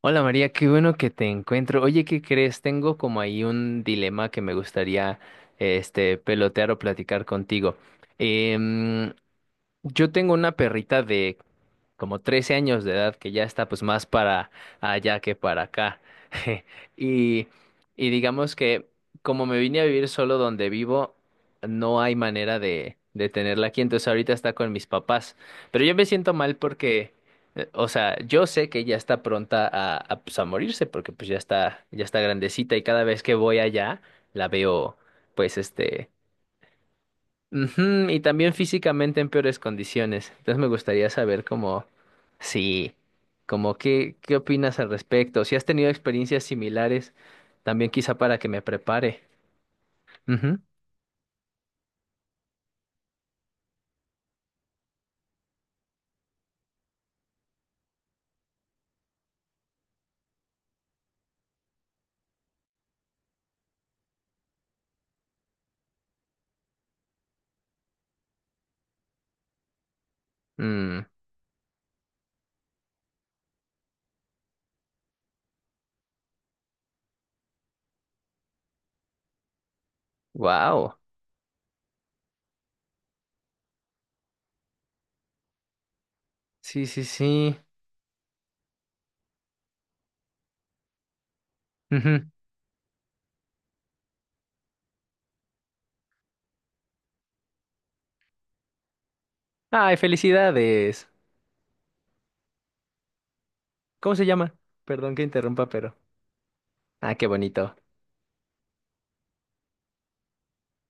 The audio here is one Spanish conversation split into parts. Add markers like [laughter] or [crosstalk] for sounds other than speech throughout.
Hola María, qué bueno que te encuentro. Oye, ¿qué crees? Tengo como ahí un dilema que me gustaría pelotear o platicar contigo. Em, yo tengo una perrita de como 13 años de edad, que ya está pues más para allá que para acá. [laughs] Y, y digamos que como me vine a vivir solo donde vivo, no hay manera de tenerla aquí, entonces ahorita está con mis papás. Pero yo me siento mal porque, o sea, yo sé que ya está pronta a morirse porque pues ya está grandecita y cada vez que voy allá la veo, pues Ujú, y también físicamente en peores condiciones. Entonces me gustaría saber cómo, sí, como qué opinas al respecto. Si has tenido experiencias similares, también quizá para que me prepare. Ujú. Mm, wow. Sí, sí, sí. Ujú. Ay, felicidades. ¿Cómo se llama? Perdón que interrumpa, pero. Ah, qué bonito.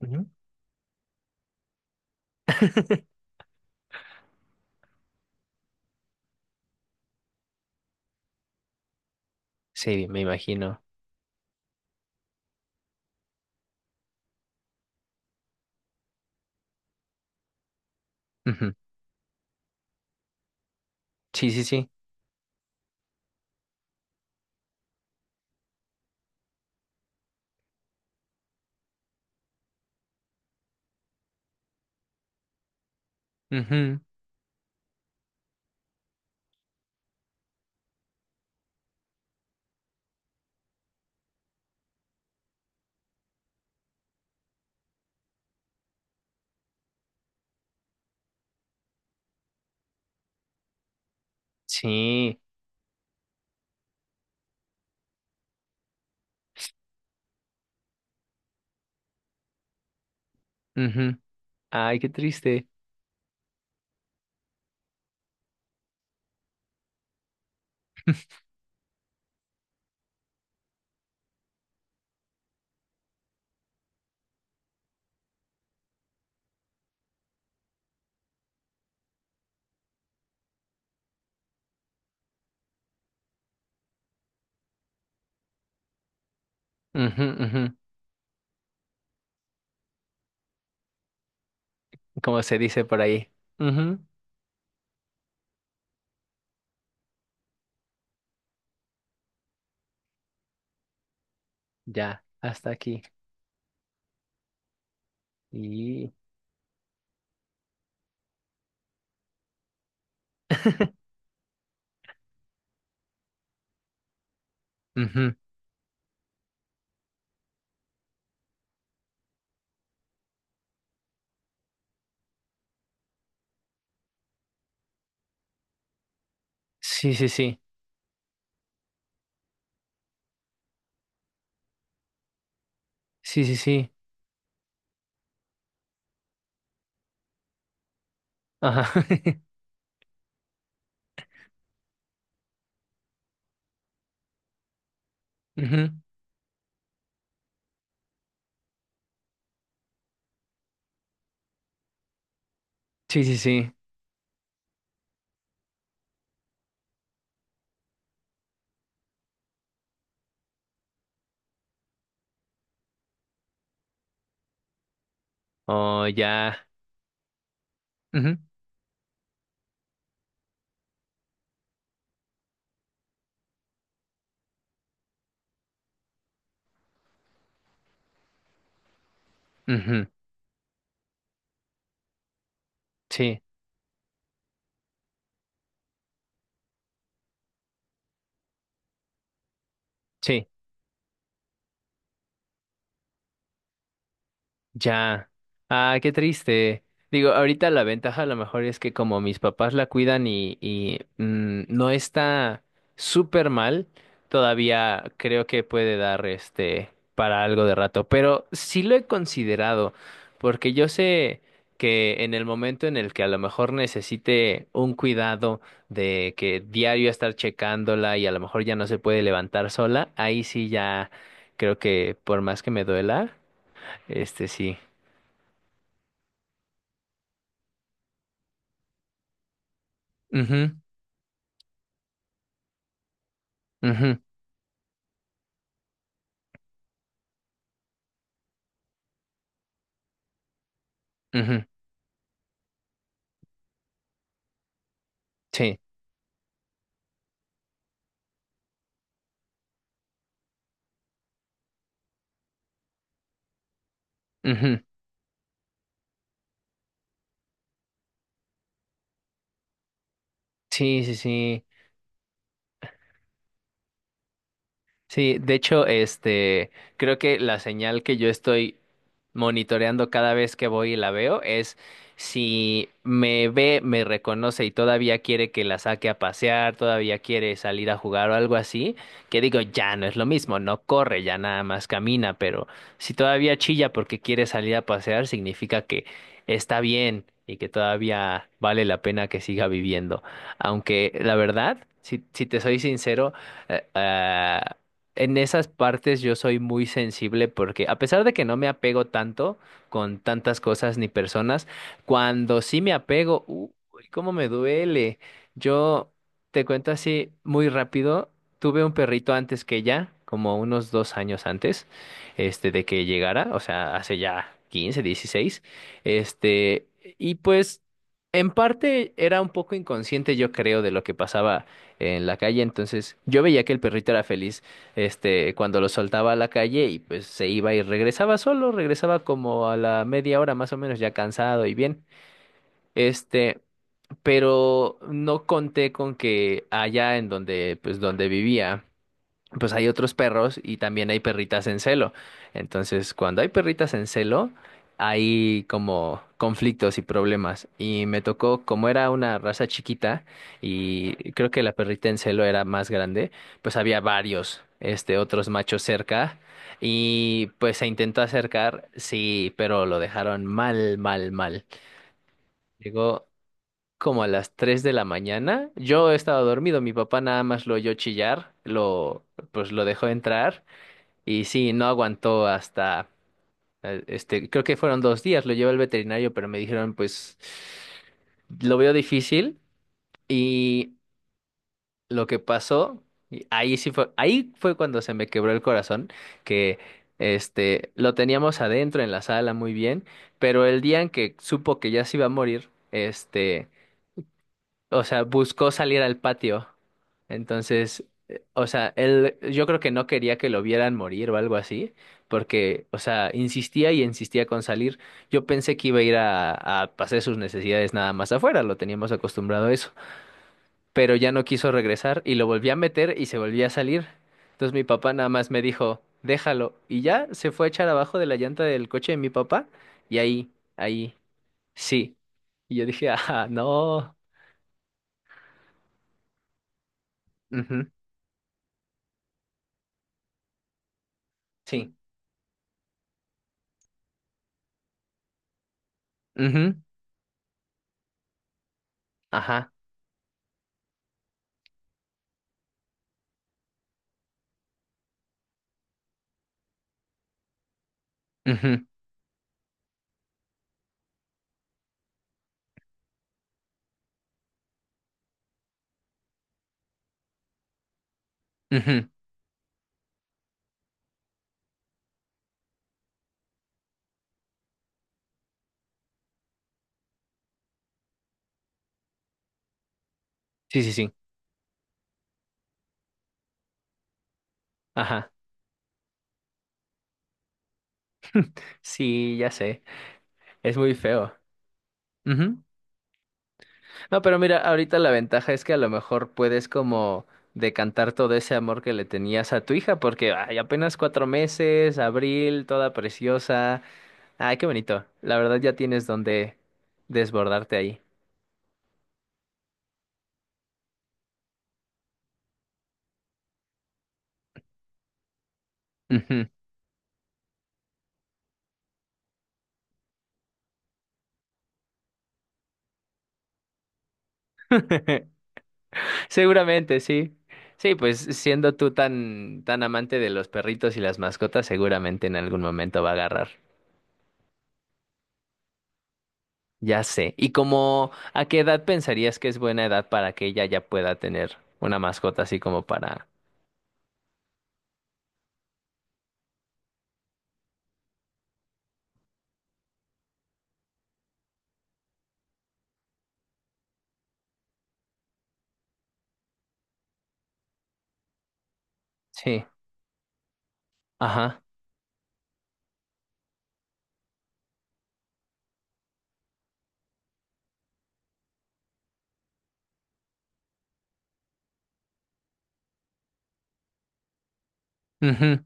Ujú. [laughs] Sí, me imagino. Ujú. Sí, sí, sí. Ujú. Sí. Ujú. Ay, qué triste. [laughs] Ujú, ujú. Como se dice por ahí. Ujú, ya, hasta aquí. Y... [laughs] ujú, sí, sí, sí. Sí, sí, sí. Ajá. [laughs] ujú, sí, sí, sí. O ya. Ujú, ujú, sí, sí. Ya. Ah, qué triste. Digo, ahorita la ventaja a lo mejor es que como mis papás la cuidan y no está súper mal, todavía creo que puede dar para algo de rato. Pero sí lo he considerado, porque yo sé que en el momento en el que a lo mejor necesite un cuidado de que diario estar checándola y a lo mejor ya no se puede levantar sola, ahí sí ya creo que por más que me duela, sí. Ujú, ujú, ujú, sí, ujú, sí, sí, sí. Sí, de hecho, creo que la señal que yo estoy monitoreando cada vez que voy y la veo es si me ve, me reconoce y todavía quiere que la saque a pasear, todavía quiere salir a jugar o algo así, que digo, ya no es lo mismo, no corre, ya nada más camina, pero si todavía chilla porque quiere salir a pasear, significa que está bien y que todavía vale la pena que siga viviendo. Aunque la verdad, si te soy sincero, eh, ah, en esas partes yo soy muy sensible porque a pesar de que no me apego tanto con tantas cosas ni personas, cuando sí me apego, uy, cómo me duele. Yo te cuento así muy rápido, tuve un perrito antes que ella, como unos 2 años antes, de que llegara, o sea, hace ya 15, 16, este, y pues en parte era un poco inconsciente, yo creo, de lo que pasaba en la calle, entonces yo veía que el perrito era feliz, cuando lo soltaba a la calle y pues se iba y regresaba solo, regresaba como a la media hora más o menos ya cansado y bien, este, pero no conté con que allá en donde, pues donde vivía, pues hay otros perros y también hay perritas en celo. Entonces, cuando hay perritas en celo, hay como conflictos y problemas. Y me tocó, como era una raza chiquita y creo que la perrita en celo era más grande, pues había varios, otros machos cerca. Y pues se intentó acercar, sí, pero lo dejaron mal, mal, mal. Llegó como a las 3 de la mañana. Yo estaba dormido, mi papá nada más lo oyó chillar, lo, pues lo dejó entrar y sí, no aguantó hasta, creo que fueron 2 días, lo llevé al veterinario, pero me dijeron, pues, lo veo difícil. Y lo que pasó, y ahí sí fue, ahí fue cuando se me quebró el corazón, que, lo teníamos adentro en la sala muy bien, pero el día en que supo que ya se iba a morir, o sea, buscó salir al patio. Entonces, o sea, él, yo creo que no quería que lo vieran morir o algo así, porque, o sea, insistía y insistía con salir. Yo pensé que iba a ir a hacer sus necesidades nada más afuera, lo teníamos acostumbrado a eso, pero ya no quiso regresar y lo volví a meter y se volvía a salir. Entonces mi papá nada más me dijo, déjalo, y ya se fue a echar abajo de la llanta del coche de mi papá y ahí, ahí, sí. Y yo dije, ah, no. Ujú, sí. Ujú, ajá. Ujú, ujú. Sí, sí, sí. Ajá. Sí, ya sé. Es muy feo. Ujú. No, pero mira, ahorita la ventaja es que a lo mejor puedes como decantar todo ese amor que le tenías a tu hija, porque ay, apenas 4 meses, Abril, toda preciosa. Ay, qué bonito. La verdad ya tienes donde desbordarte ahí. Ujú. [laughs] Seguramente, sí. Sí, pues siendo tú tan, tan amante de los perritos y las mascotas, seguramente en algún momento va a agarrar. Ya sé. ¿Y como a qué edad pensarías que es buena edad para que ella ya pueda tener una mascota así como para... Sí. Ajá. Ujú,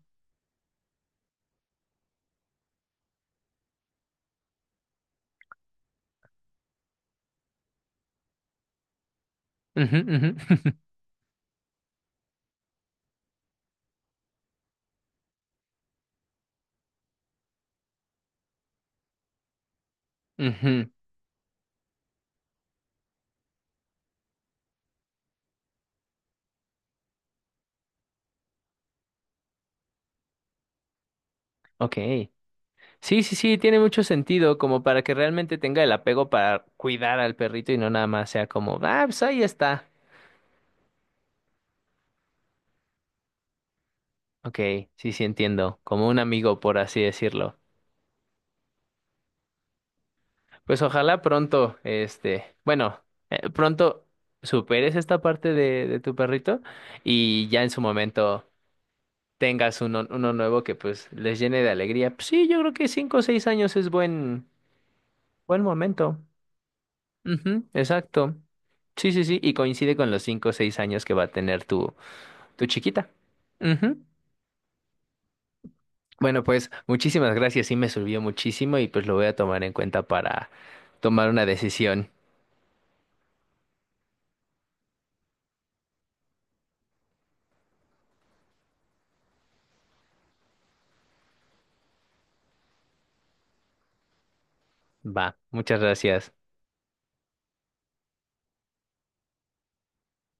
ujú, ujú, [laughs] ujú. Ok. Sí, sí, sí, tiene mucho sentido como para que realmente tenga el apego para cuidar al perrito y no nada más sea como, ah, pues ahí está. Ok, sí, sí entiendo, como un amigo, por así decirlo. Pues ojalá pronto, bueno, pronto superes esta parte de tu perrito y ya en su momento tengas uno nuevo que pues les llene de alegría. Pues sí, yo creo que 5 o 6 años es buen momento. Ujú, exacto. Sí, sí, sí, y coincide con los 5 o 6 años que va a tener tu chiquita. Ujú. Bueno, pues muchísimas gracias, sí me sirvió muchísimo y pues lo voy a tomar en cuenta para tomar una decisión. Va, muchas gracias.